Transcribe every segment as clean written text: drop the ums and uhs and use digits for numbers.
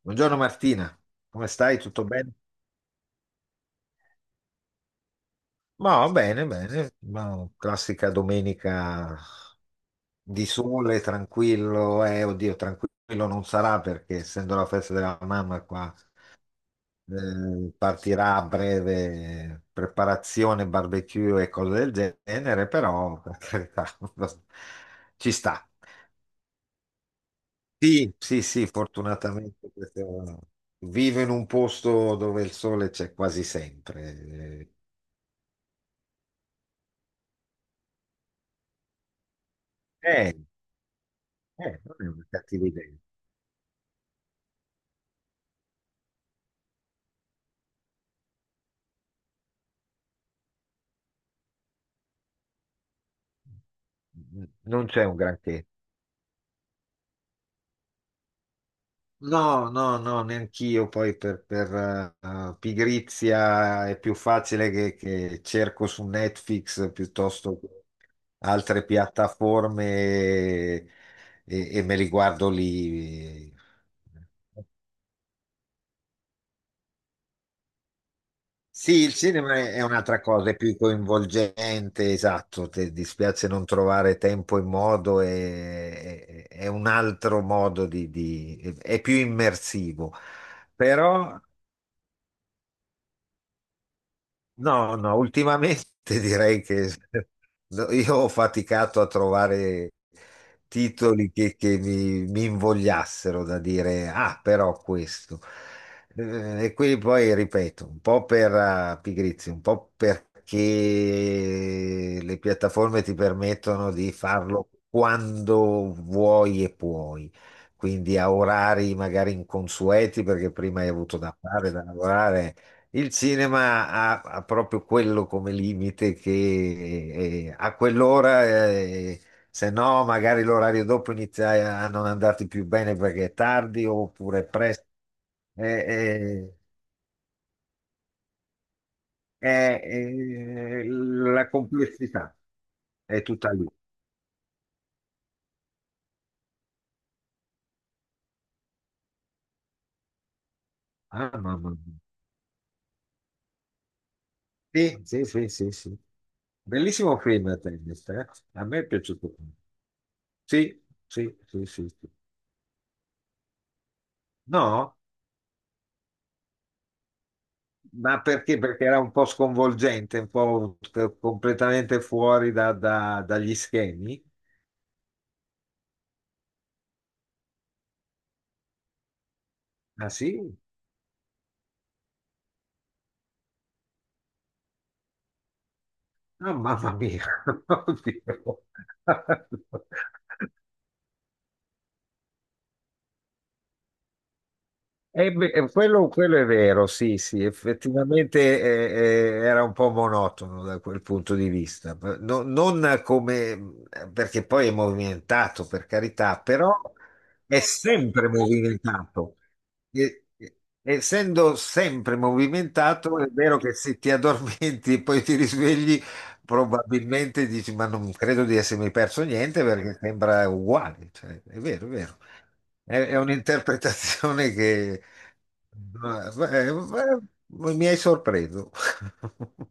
Buongiorno Martina, come stai? Tutto bene? Ma bene, bene, ma classica domenica di sole, tranquillo, oddio, tranquillo non sarà perché essendo la festa della mamma qua partirà a breve preparazione, barbecue e cose del genere, però per carità ci sta. Sì, sì, sì, fortunatamente vivo in un posto dove il sole c'è quasi sempre. Eh, Non è una cattiva idea. Non c'è un granché. No, no, no, neanch'io. Poi per pigrizia è più facile che cerco su Netflix piuttosto che altre piattaforme e, e me li guardo lì. Sì, il cinema è un'altra cosa, è più coinvolgente, esatto, ti dispiace non trovare tempo e modo, è un altro modo è più immersivo, però no, no, ultimamente direi che no, io ho faticato a trovare titoli che mi invogliassero da dire, ah, però questo. E quindi poi ripeto, un po' per pigrizia, un po' perché le piattaforme ti permettono di farlo quando vuoi e puoi, quindi a orari magari inconsueti, perché prima hai avuto da fare, da lavorare. Il cinema ha proprio quello come limite che a quell'ora, se no magari l'orario dopo inizia a non andarti più bene perché è tardi oppure è presto. Eh, la complessità è tutta lì. Ah, mamma mia. Sì, sì, sì, sì, sì. Bellissimo film, Tennis, eh? A me è piaciuto. Sì, sì, sì, sì, sì. No? Ma perché? Perché era un po' sconvolgente, un po' completamente fuori dagli schemi. Ah sì? Ah, mamma mia! Oddio. Beh, quello è vero, sì, sì, effettivamente era un po' monotono da quel punto di vista, non come, perché poi è movimentato, per carità, però è sempre movimentato. E- e- Essendo sempre movimentato, è vero che se ti addormenti e poi ti risvegli, probabilmente dici: ma non credo di essermi perso niente perché sembra uguale. Cioè, è vero, è vero. È un'interpretazione che mi hai sorpreso.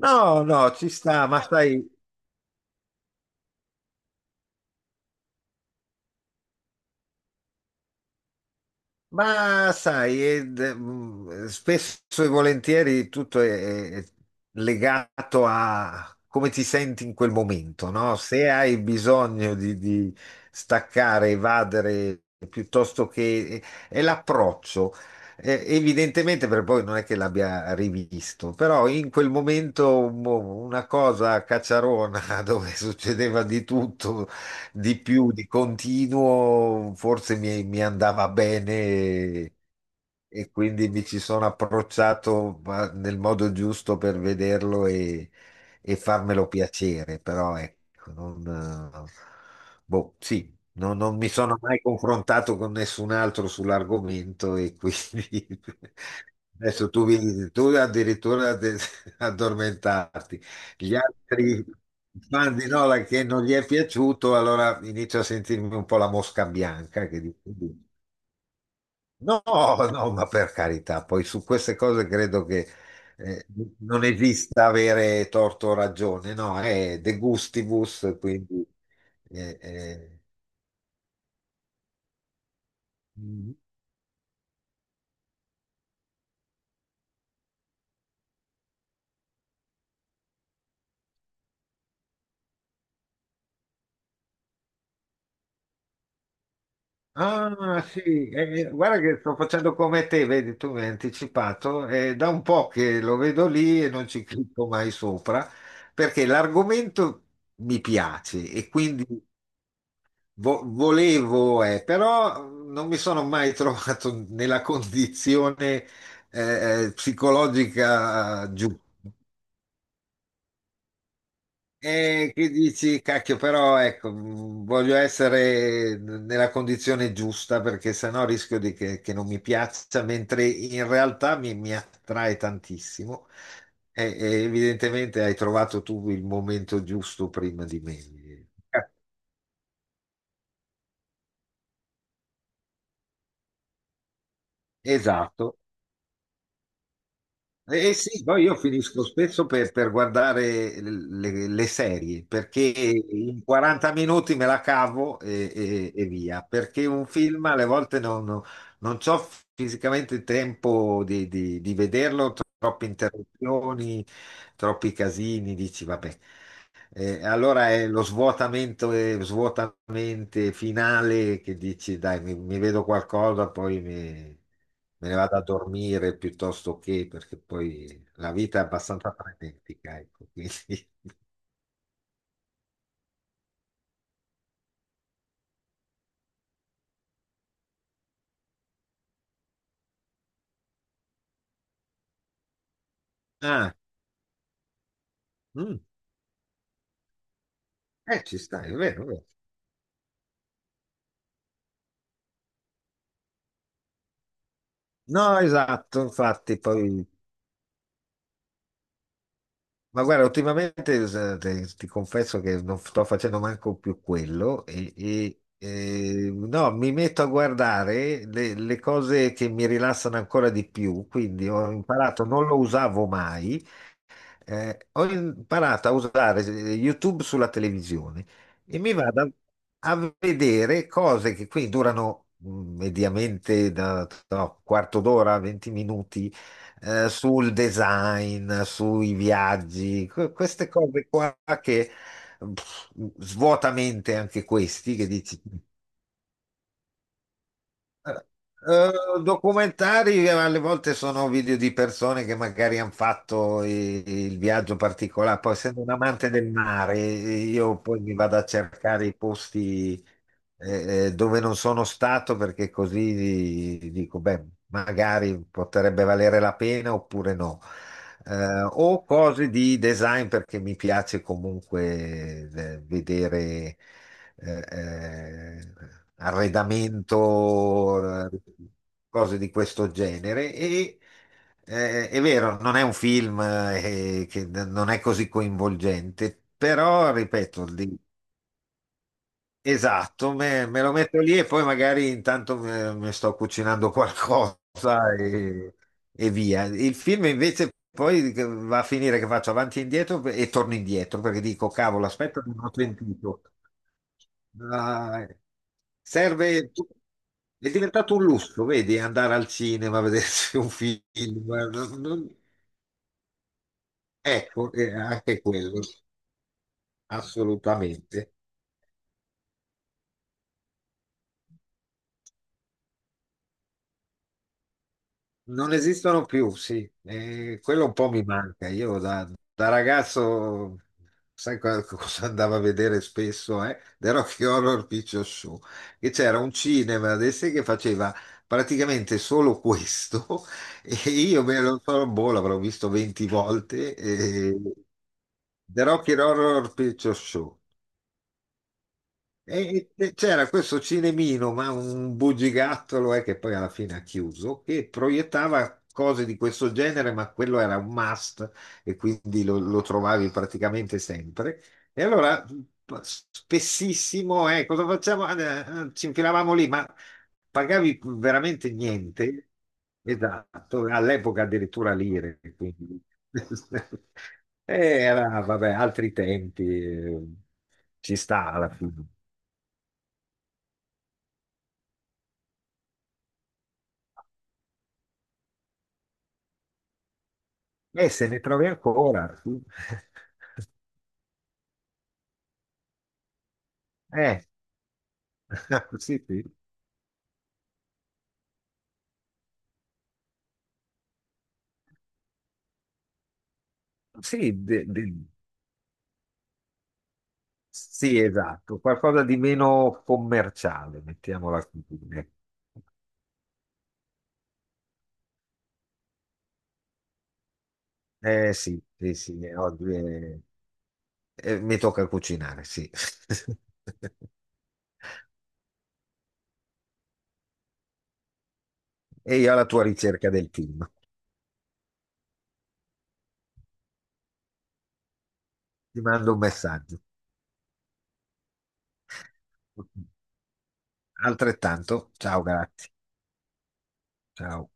No, no, ci sta, ma sai. Ma sai, spesso e volentieri tutto è legato a come ti senti in quel momento, no? Se hai bisogno di staccare, evadere, piuttosto che... è l'approccio. Evidentemente, per poi non è che l'abbia rivisto, però in quel momento mo, una cosa a cacciarona dove succedeva di tutto di più, di continuo, forse mi andava bene e quindi mi ci sono approcciato ma nel modo giusto per vederlo e farmelo piacere, però ecco, non, eh, boh, sì, non mi sono mai confrontato con nessun altro sull'argomento e quindi adesso tu, addormentarti. Gli altri fan di Nolan che non gli è piaciuto, allora inizio a sentirmi un po' la mosca bianca che dice, no, no, ma per carità, poi su queste cose credo che eh, non esista avere torto o ragione, no, è de gustibus, quindi eh, eh, ah, sì, guarda che sto facendo come te, vedi, tu mi hai anticipato, è da un po' che lo vedo lì e non ci clicco mai sopra, perché l'argomento mi piace e quindi volevo, però non mi sono mai trovato nella condizione, psicologica giusta. E che dici, cacchio, però ecco, voglio essere nella condizione giusta perché sennò rischio di che non mi piaccia, mentre in realtà mi attrae tantissimo. E evidentemente hai trovato tu il momento giusto prima di me. Eh, Esatto. Sì, poi io finisco spesso per guardare le serie perché in 40 minuti me la cavo e, via, perché un film alle volte non c'ho fisicamente il tempo di vederlo, troppe interruzioni, troppi casini, dici vabbè. Allora è lo svuotamento svuotamente finale che dici dai, mi vedo qualcosa, poi mi me ne vado a dormire piuttosto che perché poi la vita è abbastanza frenetica, ecco, quindi... Ah, mm, Ci stai, è vero, è vero. No, esatto, infatti, poi... Ma guarda, ultimamente ti confesso che non sto facendo manco più quello e, no, mi metto a guardare le cose che mi rilassano ancora di più, quindi ho imparato, non lo usavo mai, ho imparato a usare YouTube sulla televisione e mi vado a vedere cose che qui durano mediamente da no, quarto d'ora, 20 minuti, sul design, sui viaggi, queste cose qua che pff, svuotamente anche questi che dici. Eh, Documentari, alle volte sono video di persone che magari hanno fatto il viaggio particolare. Poi, essendo un amante del mare, io poi mi vado a cercare i posti dove non sono stato perché così dico, beh, magari potrebbe valere la pena oppure no. O cose di design perché mi piace comunque vedere eh, eh, arredamento, cose di questo genere. È vero, non è un film che non è così coinvolgente, però ripeto, di- Esatto, me lo metto lì e poi magari intanto mi sto cucinando qualcosa e via. Il film invece poi va a finire che faccio avanti e indietro e torno indietro perché dico, cavolo, aspetta, non ho sentito. Ah, serve, è diventato un lusso, vedi, andare al cinema a vedersi un film. Non- non- Ecco, anche quello, assolutamente. Non esistono più, sì, e quello un po' mi manca. Io da ragazzo, sai cosa andavo a vedere spesso, eh? The Rocky Horror Picture Show, che c'era un cinema adesso che faceva praticamente solo questo e io me lo so, boh, l'avrò visto 20 volte. E... The Rocky Horror Picture Show. C'era questo cinemino, ma un bugigattolo che poi alla fine ha chiuso, che proiettava cose di questo genere, ma quello era un must e quindi lo trovavi praticamente sempre. E allora spessissimo, cosa facciamo? Ah, ci infilavamo lì, ma pagavi veramente niente. Esatto, all'epoca addirittura lire, quindi Eh, Era, vabbè, altri tempi, ci sta alla fine. Se ne trovi ancora. Sì. Eh, sì, sì, sì, sì, esatto, qualcosa di meno commerciale, mettiamola così. Eh sì, sì, sì, oggi è- mi tocca cucinare, sì. E io alla tua ricerca del film. Ti mando un messaggio. Altrettanto, ciao, grazie. Ciao.